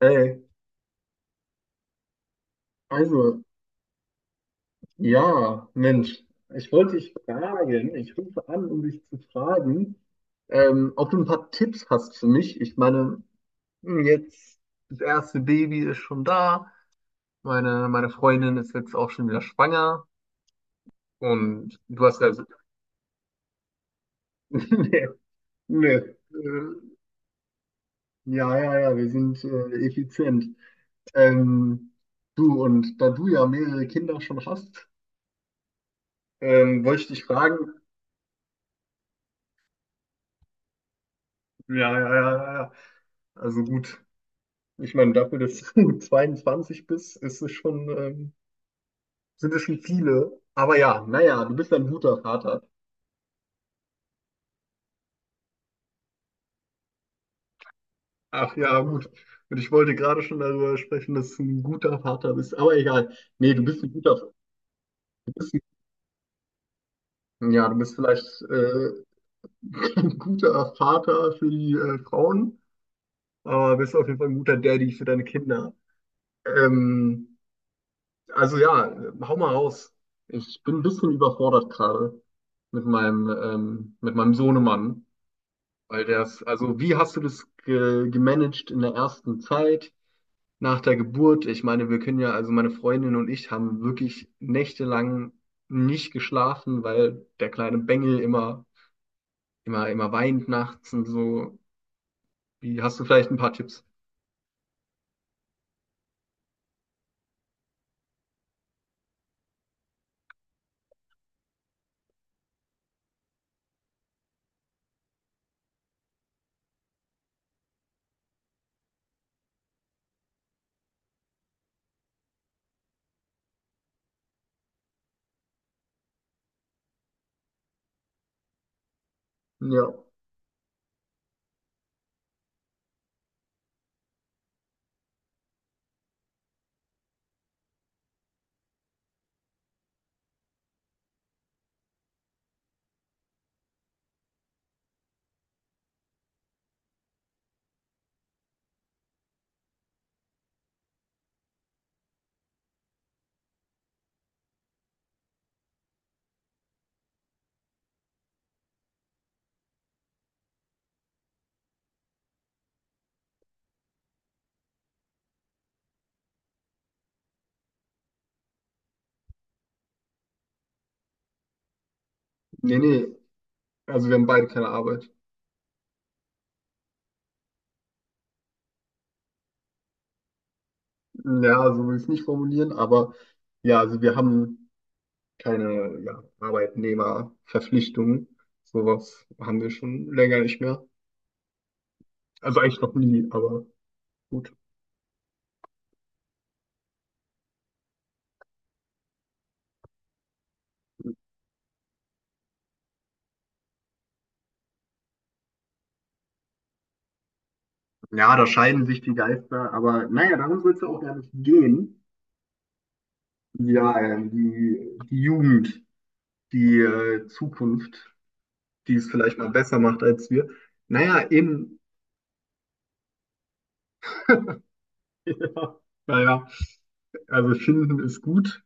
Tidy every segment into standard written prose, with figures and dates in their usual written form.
Hey, also, ja, Mensch, ich rufe an, um dich zu fragen, ob du ein paar Tipps hast für mich. Ich meine, jetzt das erste Baby ist schon da, meine Freundin ist jetzt auch schon wieder schwanger und du hast nee, nee, äh, ja, ja, ja, wir sind effizient. Ähm, Du, und da du ja mehrere Kinder schon hast, wollte ich dich fragen. Ja, ja, ja, ja, ja. Also gut, ich meine, dafür, dass du 22 bist, ist es schon, sind es schon viele. Aber ja, naja, du bist ein guter Vater. Ach ja, gut. Und ich wollte gerade schon darüber sprechen, dass du ein guter Vater bist. Aber egal. Nee, du bist ein guter, du bist ein, ja, du bist vielleicht ein guter Vater für die Frauen, aber bist auf jeden Fall ein guter Daddy für deine Kinder. Ähm, Also ja, hau mal raus. Ich bin ein bisschen überfordert gerade mit mit meinem Sohnemann, weil der ist, also wie hast du das ge gemanagt in der ersten Zeit nach der Geburt? Ich meine, wir können ja, also meine Freundin und ich haben wirklich nächtelang nicht geschlafen, weil der kleine Bengel immer weint nachts und so. Wie, hast du vielleicht ein paar Tipps? Ja, nee, nee. Also wir haben beide keine Arbeit. Ja, so will ich es nicht formulieren, aber ja, also wir haben keine, ja, Arbeitnehmerverpflichtungen. Sowas haben wir schon länger nicht mehr. Also eigentlich noch nie, aber gut. Ja, da scheiden sich die Geister, aber naja, darum soll es ja auch gar nicht gehen. Ja, die Jugend, die Zukunft, die es vielleicht mal besser macht als wir. Naja, eben, ja, naja, also finden ist gut.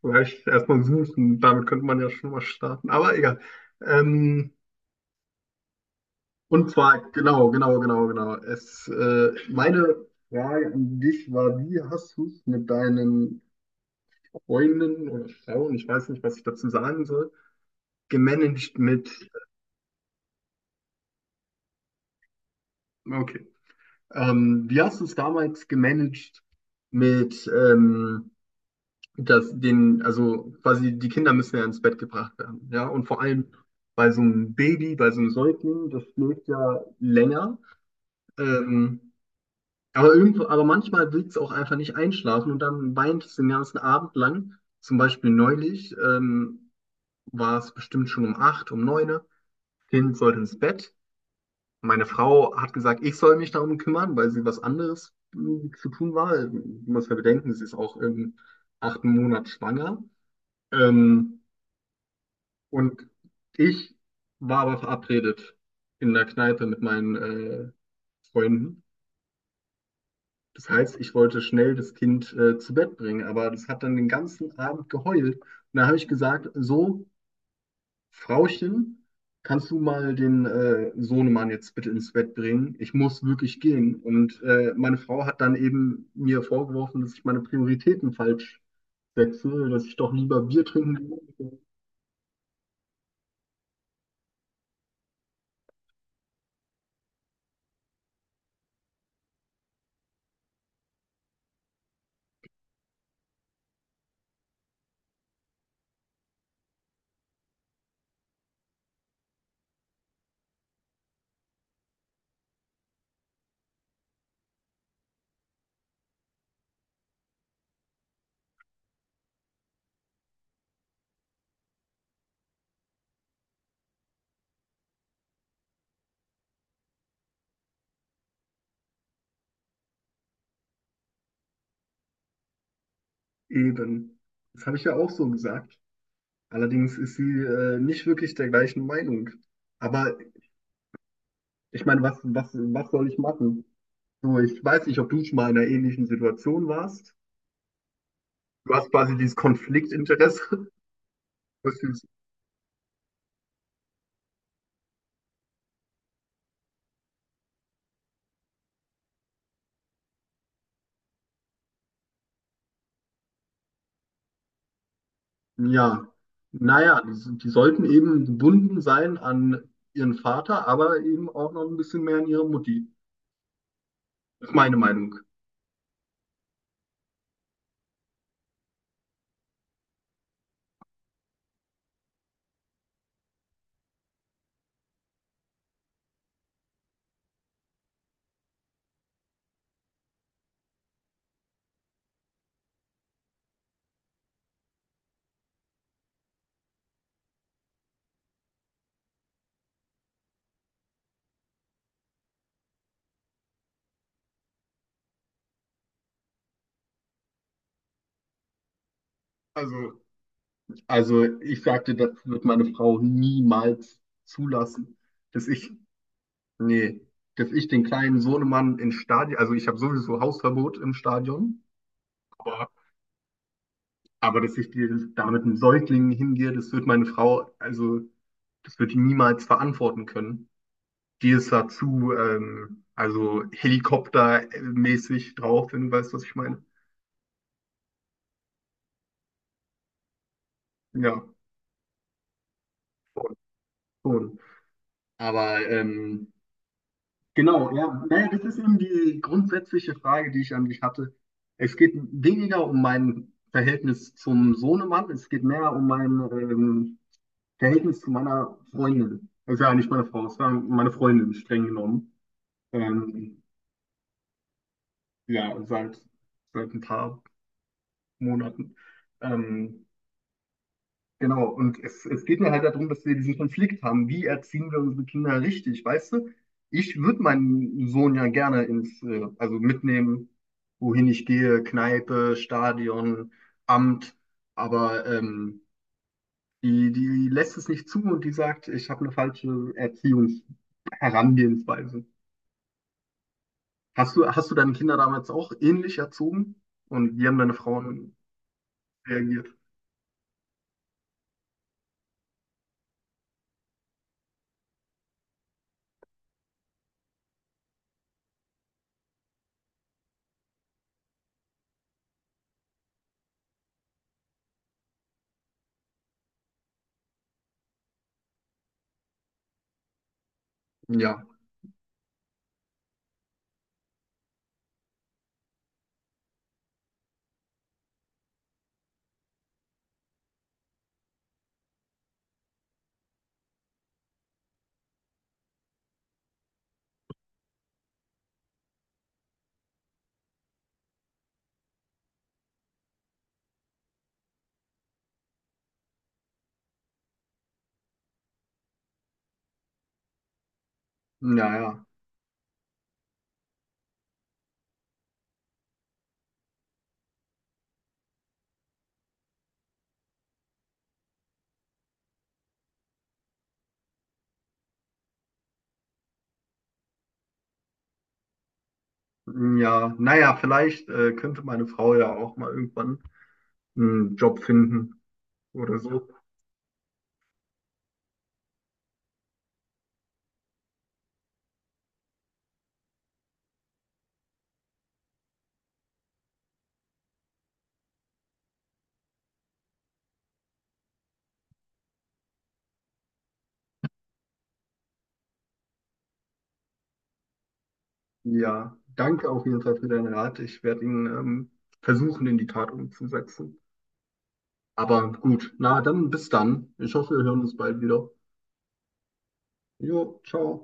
Vielleicht erstmal suchen, damit könnte man ja schon mal starten, aber egal. Ähm, Und zwar, genau. Es, meine Frage an dich war, wie hast du es mit deinen Freundinnen oder Frauen, ich weiß nicht, was ich dazu sagen soll, gemanagt mit. Okay, wie hast du es damals gemanagt mit, dass den, also quasi die Kinder müssen ja ins Bett gebracht werden, ja, und vor allem bei so einem Baby, bei so einem Säugling, das schläft ja länger. Ähm, Aber, irgendwo, aber manchmal willst du auch einfach nicht einschlafen und dann weinst du den ganzen Abend lang. Zum Beispiel neulich war es bestimmt schon um 8, um 9. Kind sollte ins Bett. Meine Frau hat gesagt, ich soll mich darum kümmern, weil sie was anderes zu tun war. Du musst ja bedenken, sie ist auch im 8. Monat schwanger. Ähm, und ich war aber verabredet in der Kneipe mit meinen Freunden. Das heißt, ich wollte schnell das Kind zu Bett bringen, aber das hat dann den ganzen Abend geheult. Und da habe ich gesagt, so, Frauchen, kannst du mal den Sohnemann jetzt bitte ins Bett bringen? Ich muss wirklich gehen. Und meine Frau hat dann eben mir vorgeworfen, dass ich meine Prioritäten falsch setze, dass ich doch lieber Bier trinken will. Eben. Das habe ich ja auch so gesagt. Allerdings ist sie nicht wirklich der gleichen Meinung. Aber ich meine, was soll ich machen? So, ich weiß nicht, ob du schon mal in einer ähnlichen Situation warst. Du hast quasi dieses Konfliktinteresse. Das ist, ja, naja, die sollten eben gebunden sein an ihren Vater, aber eben auch noch ein bisschen mehr an ihre Mutti. Das ist meine Meinung. Also, also ich sagte, das wird meine Frau niemals zulassen, dass ich, nee, dass ich den kleinen Sohnemann ins Stadion, also ich habe sowieso Hausverbot im Stadion. Aber dass ich dir da mit einem Säugling hingehe, das wird meine Frau, also das wird die niemals verantworten können. Die ist da zu, also helikoptermäßig drauf, wenn du weißt, was ich meine. Ja, schon. schon. Aber genau, ja, naja, das ist eben die grundsätzliche Frage, die ich an dich hatte. Es geht weniger um mein Verhältnis zum Sohnemann, es geht mehr um mein Verhältnis zu meiner Freundin. Das ist ja eigentlich meine Frau, das war meine Freundin streng genommen. Ähm, ja, seit ein paar Monaten. Ähm, genau, und es geht mir halt darum, dass wir diesen Konflikt haben. Wie erziehen wir unsere Kinder richtig, weißt du? Ich würde meinen Sohn ja gerne ins, also mitnehmen, wohin ich gehe, Kneipe, Stadion, Amt, aber die lässt es nicht zu und die sagt, ich habe eine falsche Erziehungsherangehensweise. Hast du deine Kinder damals auch ähnlich erzogen? Und wie haben deine Frauen reagiert? Ja, naja, ja, naja, vielleicht könnte meine Frau ja auch mal irgendwann einen Job finden oder so. Ja, danke auf jeden Fall für deinen Rat. Ich werde ihn versuchen, in die Tat umzusetzen. Aber gut, na dann bis dann. Ich hoffe, wir hören uns bald wieder. Jo, ciao.